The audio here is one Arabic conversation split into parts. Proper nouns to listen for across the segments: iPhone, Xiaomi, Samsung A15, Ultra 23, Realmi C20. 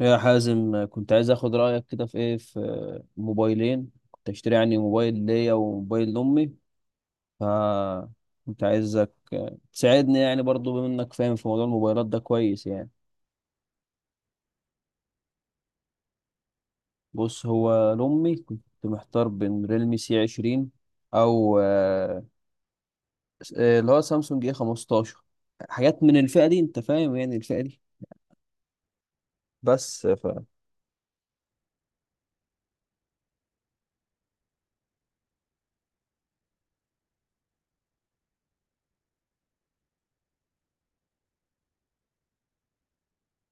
يا حازم، كنت عايز اخد رايك كده في ايه، في موبايلين كنت اشتري يعني. موبايل ليا وموبايل لامي. ف كنت عايزك تساعدني يعني، برضو بما انك فاهم في موضوع الموبايلات ده كويس يعني. بص هو لامي كنت محتار بين ريلمي سي 20 او اللي هو سامسونج اي 15، حاجات من الفئه دي انت فاهم، يعني الفئه دي بس. ف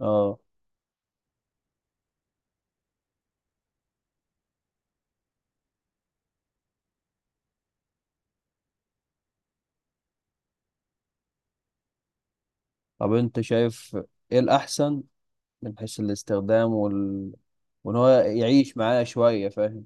اه طب انت شايف ايه الاحسن من حيث الاستخدام وان هو يعيش معاه شوية فاهم؟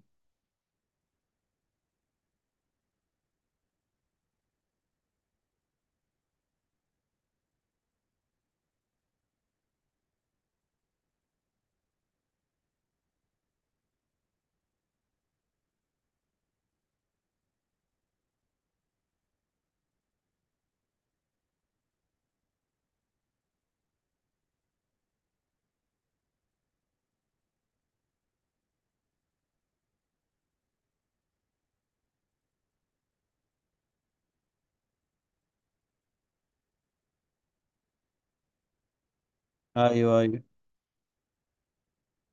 ايوه، ايوه.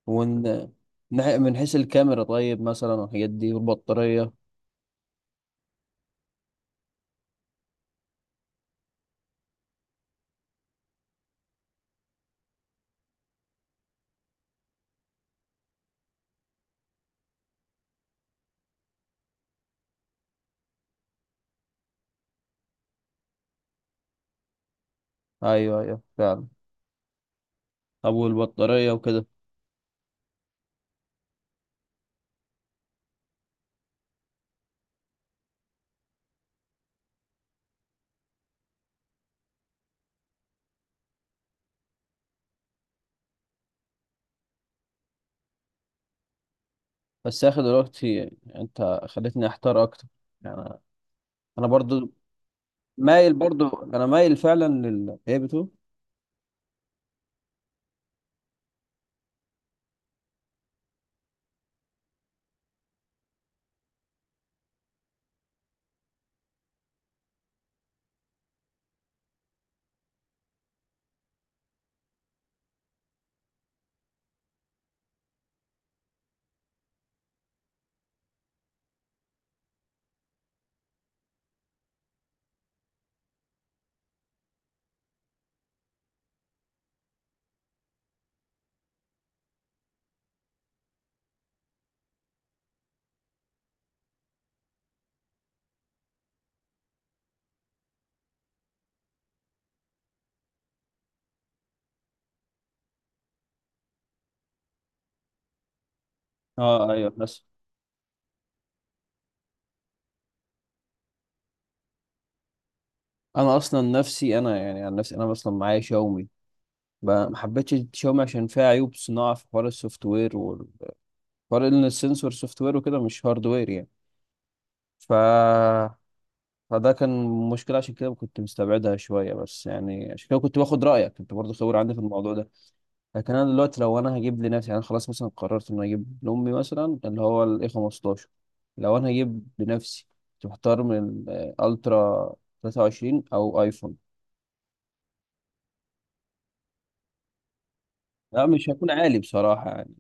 وان من حيث الكاميرا طيب مثلا، والحاجات دي والبطارية. ايوه، ايوه، فعلا. ابو البطارية وكده. بس يا اخي دلوقتي انت خليتني احتار اكتر يعني. انا برضو مايل، برضو انا مايل فعلا ايه بتقول. اه، ايوه، بس. انا اصلا نفسي، انا يعني عن نفسي انا اصلا معايا شاومي، ما حبيتش شاومي عشان فيها عيوب صناعة في حوار السوفت وير. فرق ان السنسور سوفت وير وكده، مش هاردوير يعني. ف فده كان مشكلة عشان كده كنت مستبعدها شوية. بس يعني عشان كده كنت باخد رأيك، كنت برضه خبير عندي في الموضوع ده. لكن أنا دلوقتي لو أنا هجيب لنفسي، يعني أنا خلاص مثلا قررت إن أنا أجيب لأمي مثلا اللي هو ال A15. لو أنا هجيب لنفسي كنت محتار من الألترا 23 أو أيفون. لا مش هيكون عالي بصراحة يعني،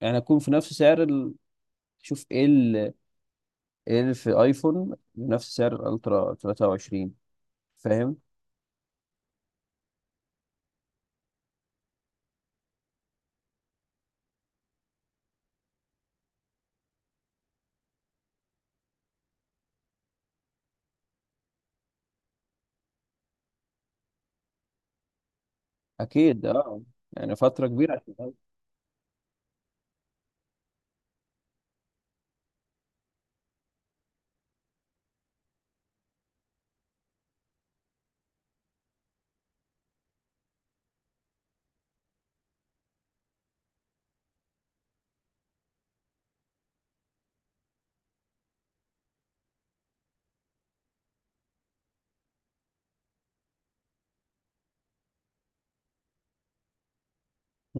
هكون في نفس سعر شوف إيه إيه اللي في أيفون بنفس سعر الألترا 23 فاهم. اكيد اه، يعني فتره كبيره عشان.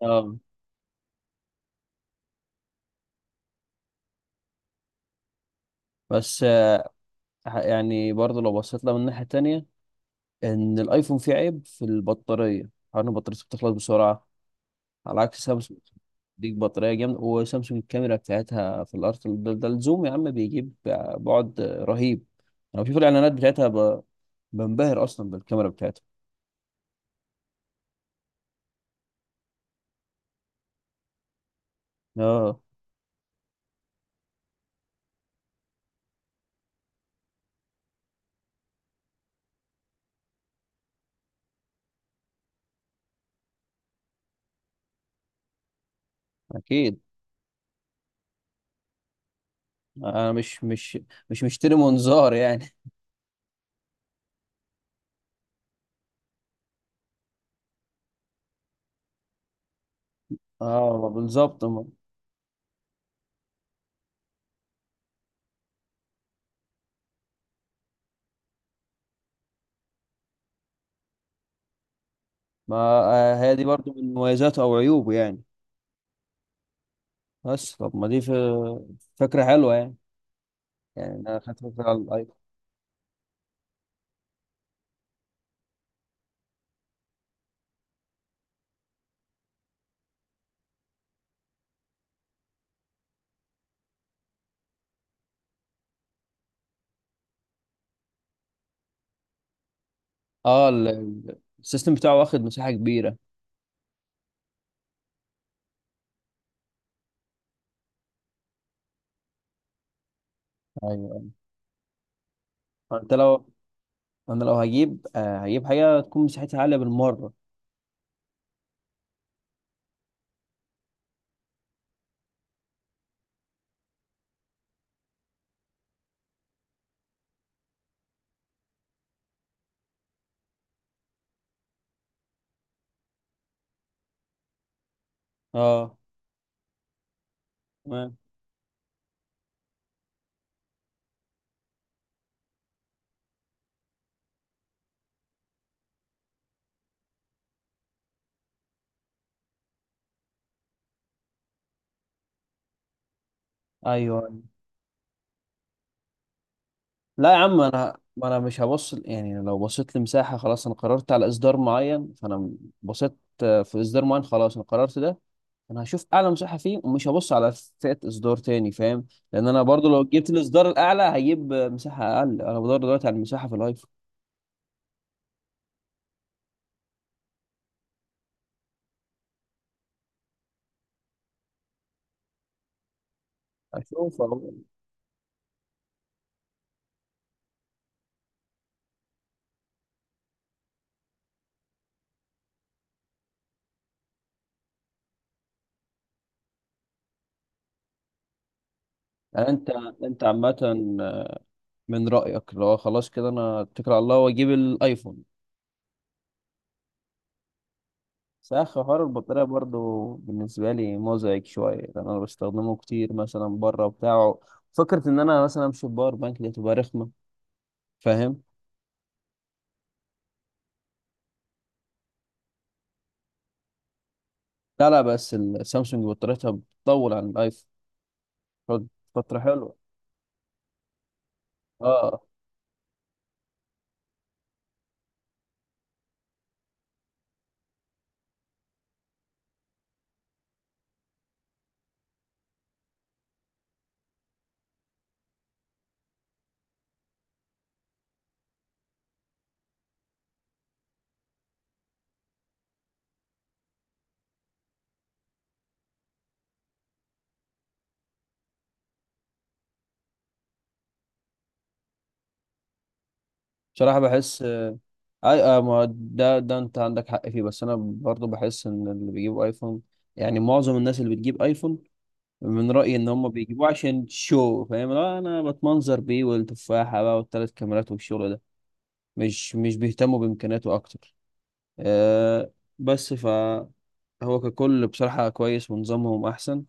اه، بس يعني برضه لو بصيت لها من ناحيه تانية، ان الايفون فيه عيب في البطاريه، حوار ان بطاريته بتخلص بسرعه على عكس سامسونج. ديك بطاريه جامده، وسامسونج الكاميرا بتاعتها في الارض. ده الزوم يا عم بيجيب بعد رهيب. انا بشوف الاعلانات بتاعتها بنبهر اصلا بالكاميرا بتاعتها. اه اكيد. انا مش مشتري منظار يعني. اه، بالظبط. ما آه، هي دي برضو من مميزاته او عيوبه يعني. بس طب ما دي في- فكره حلوه يعني. يعني انا خدت فكره على الايفون. اه، السيستم بتاعه واخد مساحه كبيره. ايوه. فانت لو انا لو هجيب حاجه تكون مساحتها عاليه بالمره. اه، تمام، ايوه. لا يا عم، انا ما انا مش هبص يعني. لو بصيت لمساحه خلاص انا قررت على اصدار معين، فانا بصيت في اصدار معين خلاص انا قررت ده. انا هشوف اعلى مساحه فيه ومش هبص على فئه اصدار تاني فاهم. لان انا برضو لو جبت الاصدار الاعلى هجيب مساحه اقل. انا بدور دلوقتي على المساحه في الايفون. اشوف أهو. يعني انت عامه، من رايك لو خلاص كده انا اتكل على الله واجيب الايفون؟ صح. حوار البطاريه برضو بالنسبه لي مزعج شويه لان انا بستخدمه كتير مثلا بره وبتاعه. فكره ان انا مثلا امشي بباور بانك دي تبقى رخمه فاهم. لا، لا، بس السامسونج بطاريتها بتطول عن الايفون فتره حلوه. اه. بصراحة بحس اي ما ده انت عندك حق فيه. بس انا برضو بحس ان اللي بيجيبوا ايفون، يعني معظم الناس اللي بتجيب ايفون، من رأيي ان هم بيجيبوه عشان شو فاهم. لا، انا بتمنظر بيه والتفاحة بقى والثلاث كاميرات والشغل ده. مش بيهتموا بامكانياته اكتر، أه. بس فهو ككل بصراحة كويس ونظامهم احسن.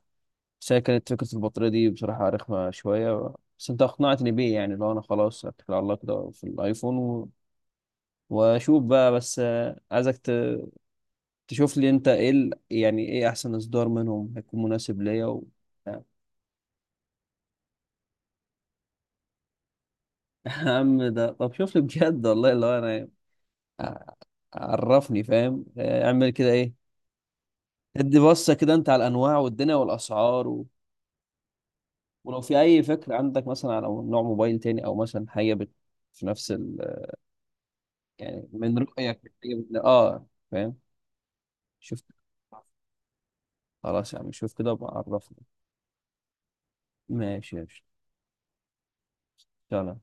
بس هي كانت فكرة البطارية دي بصراحة رخمة شوية. بس انت اقنعتني بيه يعني. لو انا خلاص اتكل على الله كده في الايفون، واشوف بقى. بس عايزك تشوف لي انت ايه يعني ايه احسن اصدار منهم هيكون مناسب ليا و... يا عم ده. طب شوف لي بجد والله، اللي هو انا ع- عرفني فاهم اعمل كده ايه. ادي بصة كده انت على الانواع والدنيا والاسعار و... ولو في اي فكرة عندك مثلا على نوع موبايل تاني او مثلا حاجة بت... في نفس ال... يعني من رؤيك حاجة بت... اه فاهم. شوف. خلاص يا عم شوف كده وبقى عرفني. ماشي يا باشا. سلام.